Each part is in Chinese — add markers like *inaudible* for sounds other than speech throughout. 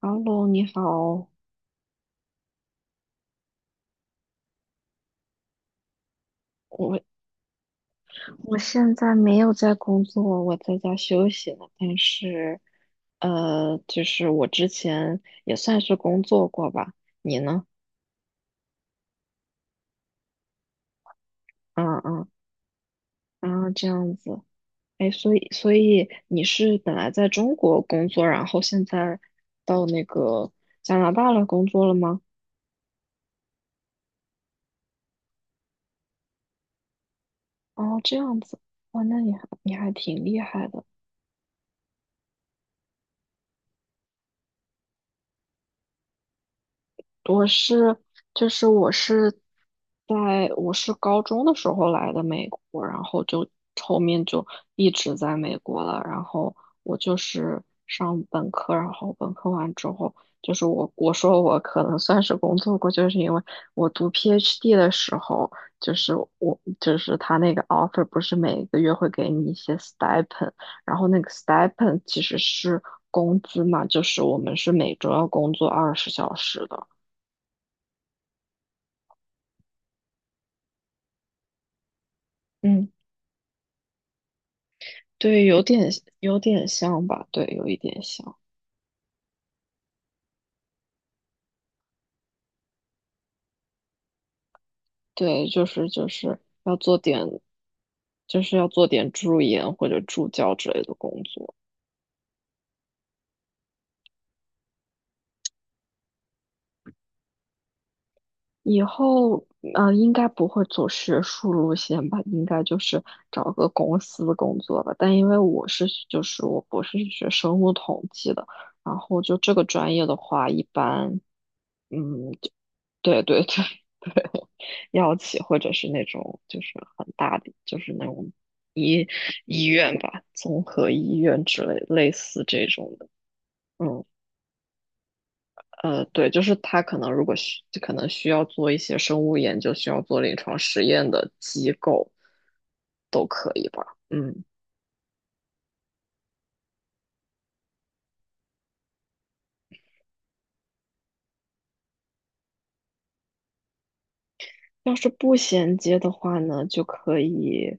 哈喽，你好，我我现在没有在工作，我在家休息呢。但是，就是我之前也算是工作过吧。你呢？嗯嗯，啊，这样子。哎，所以你是本来在中国工作，然后现在到那个加拿大来工作了吗？哦，这样子。哇，那你还挺厉害的。我是，就是我是在我是高中的时候来的美国，然后就后面就一直在美国了。然后我就是上本科，然后本科完之后，就是我说我可能算是工作过，就是因为我读 PhD 的时候，就是我就是他那个 offer 不是每个月会给你一些 stipend，然后那个 stipend 其实是工资嘛，就是我们是每周要工作20小时的。嗯，对，有点像吧，对，有一点像，对，就是要做点，就是要做点助研或者助教之类的工作。以后啊，应该不会走学术路线吧，应该就是找个公司工作吧。但因为我博士是学生物统计的，然后就这个专业的话，一般。嗯，对对对对，*laughs* 药企或者是那种就是很大的，就是那种医医院吧，综合医院之类类似这种的。嗯，对，就是他可能如果需就可能需要做一些生物研究，需要做临床实验的机构都可以吧。嗯。要是不衔接的话呢，就可以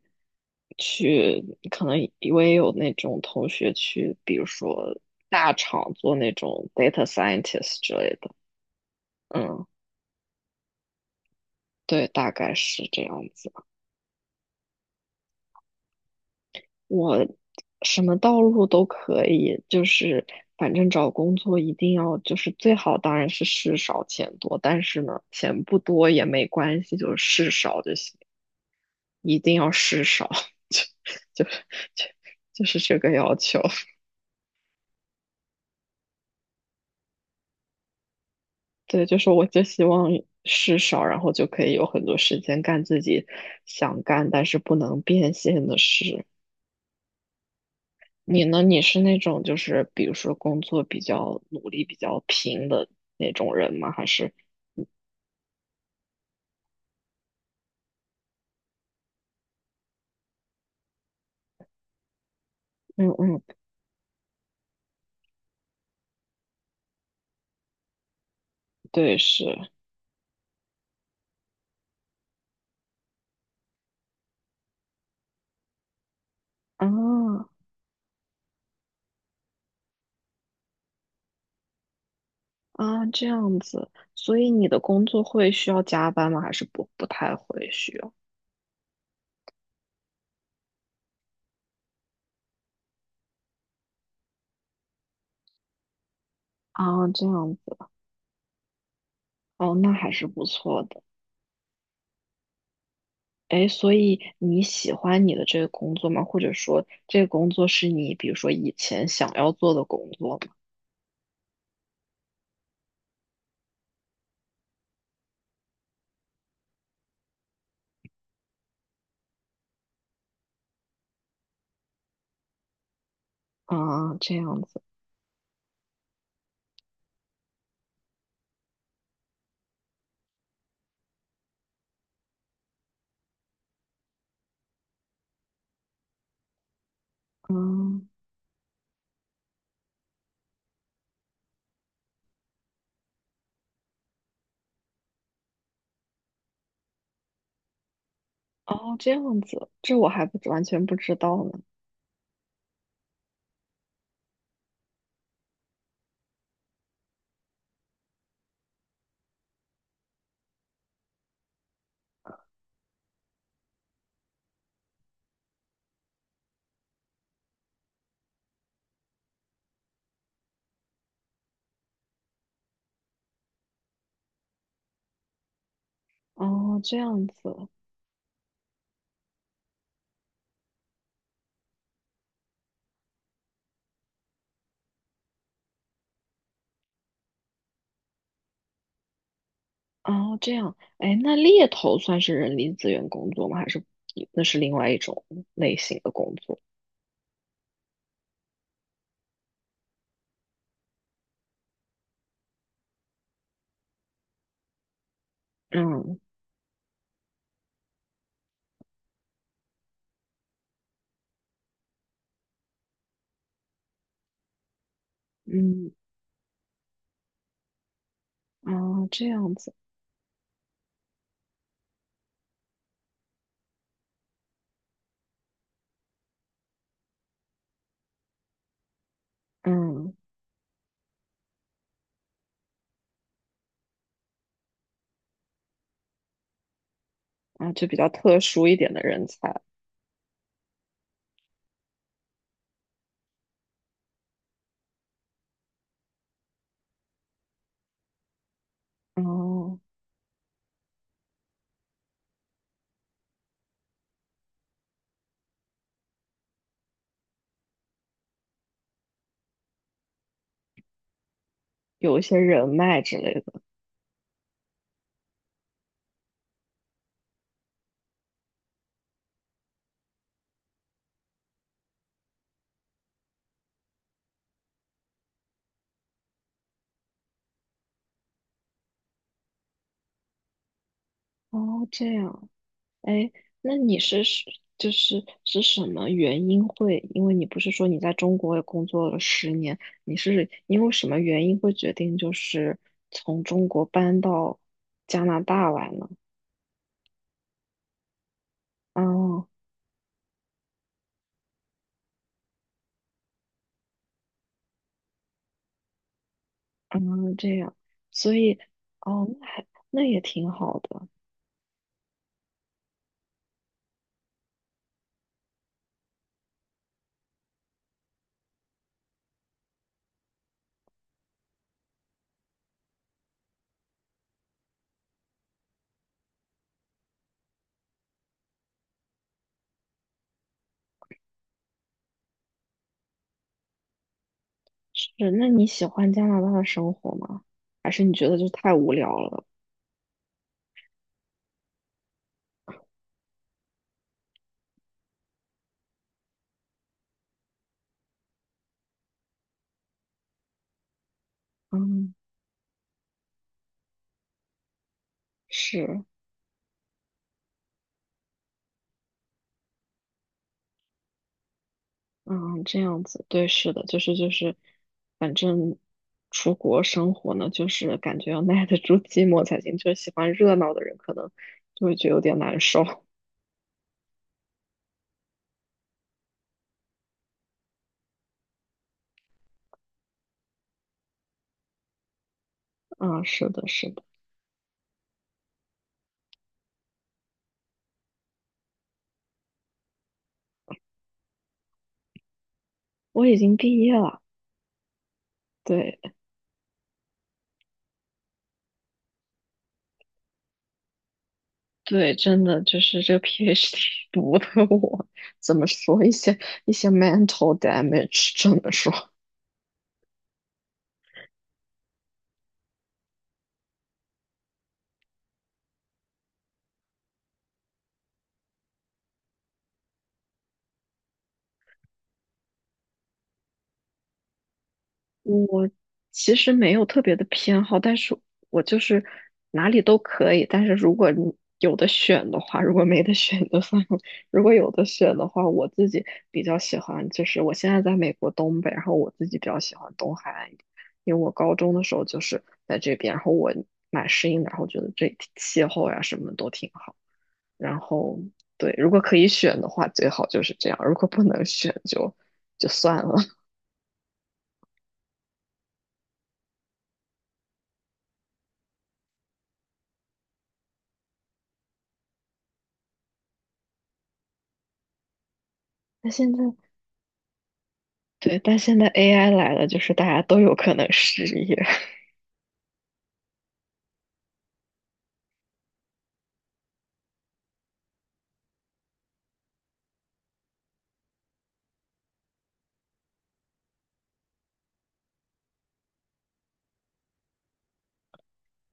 可能我也有那种同学去，比如说大厂做那种 data scientist 之类的。嗯，对，大概是这样子。我什么道路都可以，就是反正找工作一定要就是最好当然是事少钱多，但是呢，钱不多也没关系，就是事少就行。一定要事少，就就就就是这个要求。对，就是我就希望事少，然后就可以有很多时间干自己想干但是不能变现的事。你呢？你是那种就是比如说工作比较努力、比较拼的那种人吗？还是嗯嗯，对，是啊，啊这样子。所以你的工作会需要加班吗？还是不太会需要？啊，这样子哦，那还是不错的。哎，所以你喜欢你的这个工作吗？或者说，这个工作是你比如说以前想要做的工作吗？啊，这样子，啊，哦，这样子，这我还不完全不知道呢。哦，这样子，哦，这样，哎，那猎头算是人力资源工作吗？还是那是另外一种类型的工作？嗯嗯，啊，这样子，嗯啊，就比较特殊一点的人才，哦，有一些人脉之类的。哦，这样，哎，那你是是就是是什么原因会？因为你不是说你在中国也工作了10年，你是因为什么原因会决定就是从中国搬到加拿大来呢？哦，嗯，这样，所以哦，那也挺好的。是，那你喜欢加拿大的生活吗？还是你觉得就太无聊了？嗯，是。嗯，这样子，对，是的，反正出国生活呢，就是感觉要耐得住寂寞才行。就是喜欢热闹的人，可能就会觉得有点难受。*laughs* 啊、是的，是的，我已经毕业了。对对，真的就是这个 *laughs* PhD 读的我，怎么说一些 mental damage，真么说。我其实没有特别的偏好，但是我就是哪里都可以。但是如果你有的选的话，如果没得选就算了。如果有的选的话，我自己比较喜欢，就是我现在在美国东北，然后我自己比较喜欢东海岸一点，因为我高中的时候就是在这边，然后我蛮适应的，然后觉得这里气候呀什么都挺好。然后对，如果可以选的话，最好就是这样；如果不能选就算了。*laughs* 那现在。对，但现在 AI 来了，就是大家都有可能失业，*laughs*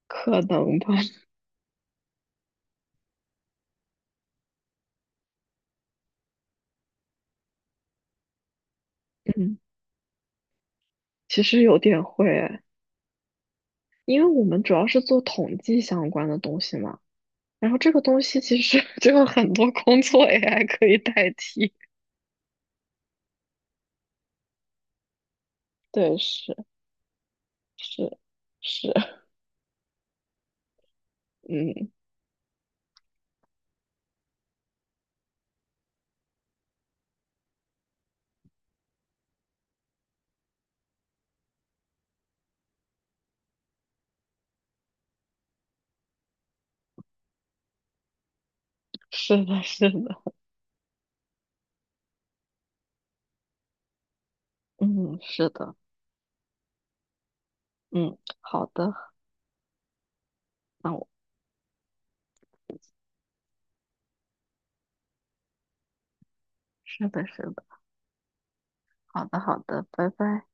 可能吧？嗯，其实有点会，因为我们主要是做统计相关的东西嘛，然后这个东西其实 *laughs* 就有很多工作 AI 可以代替。对，是是是，嗯，是的，是的，嗯，是的，嗯，好的，那我是的，是的，好的，好的，拜拜。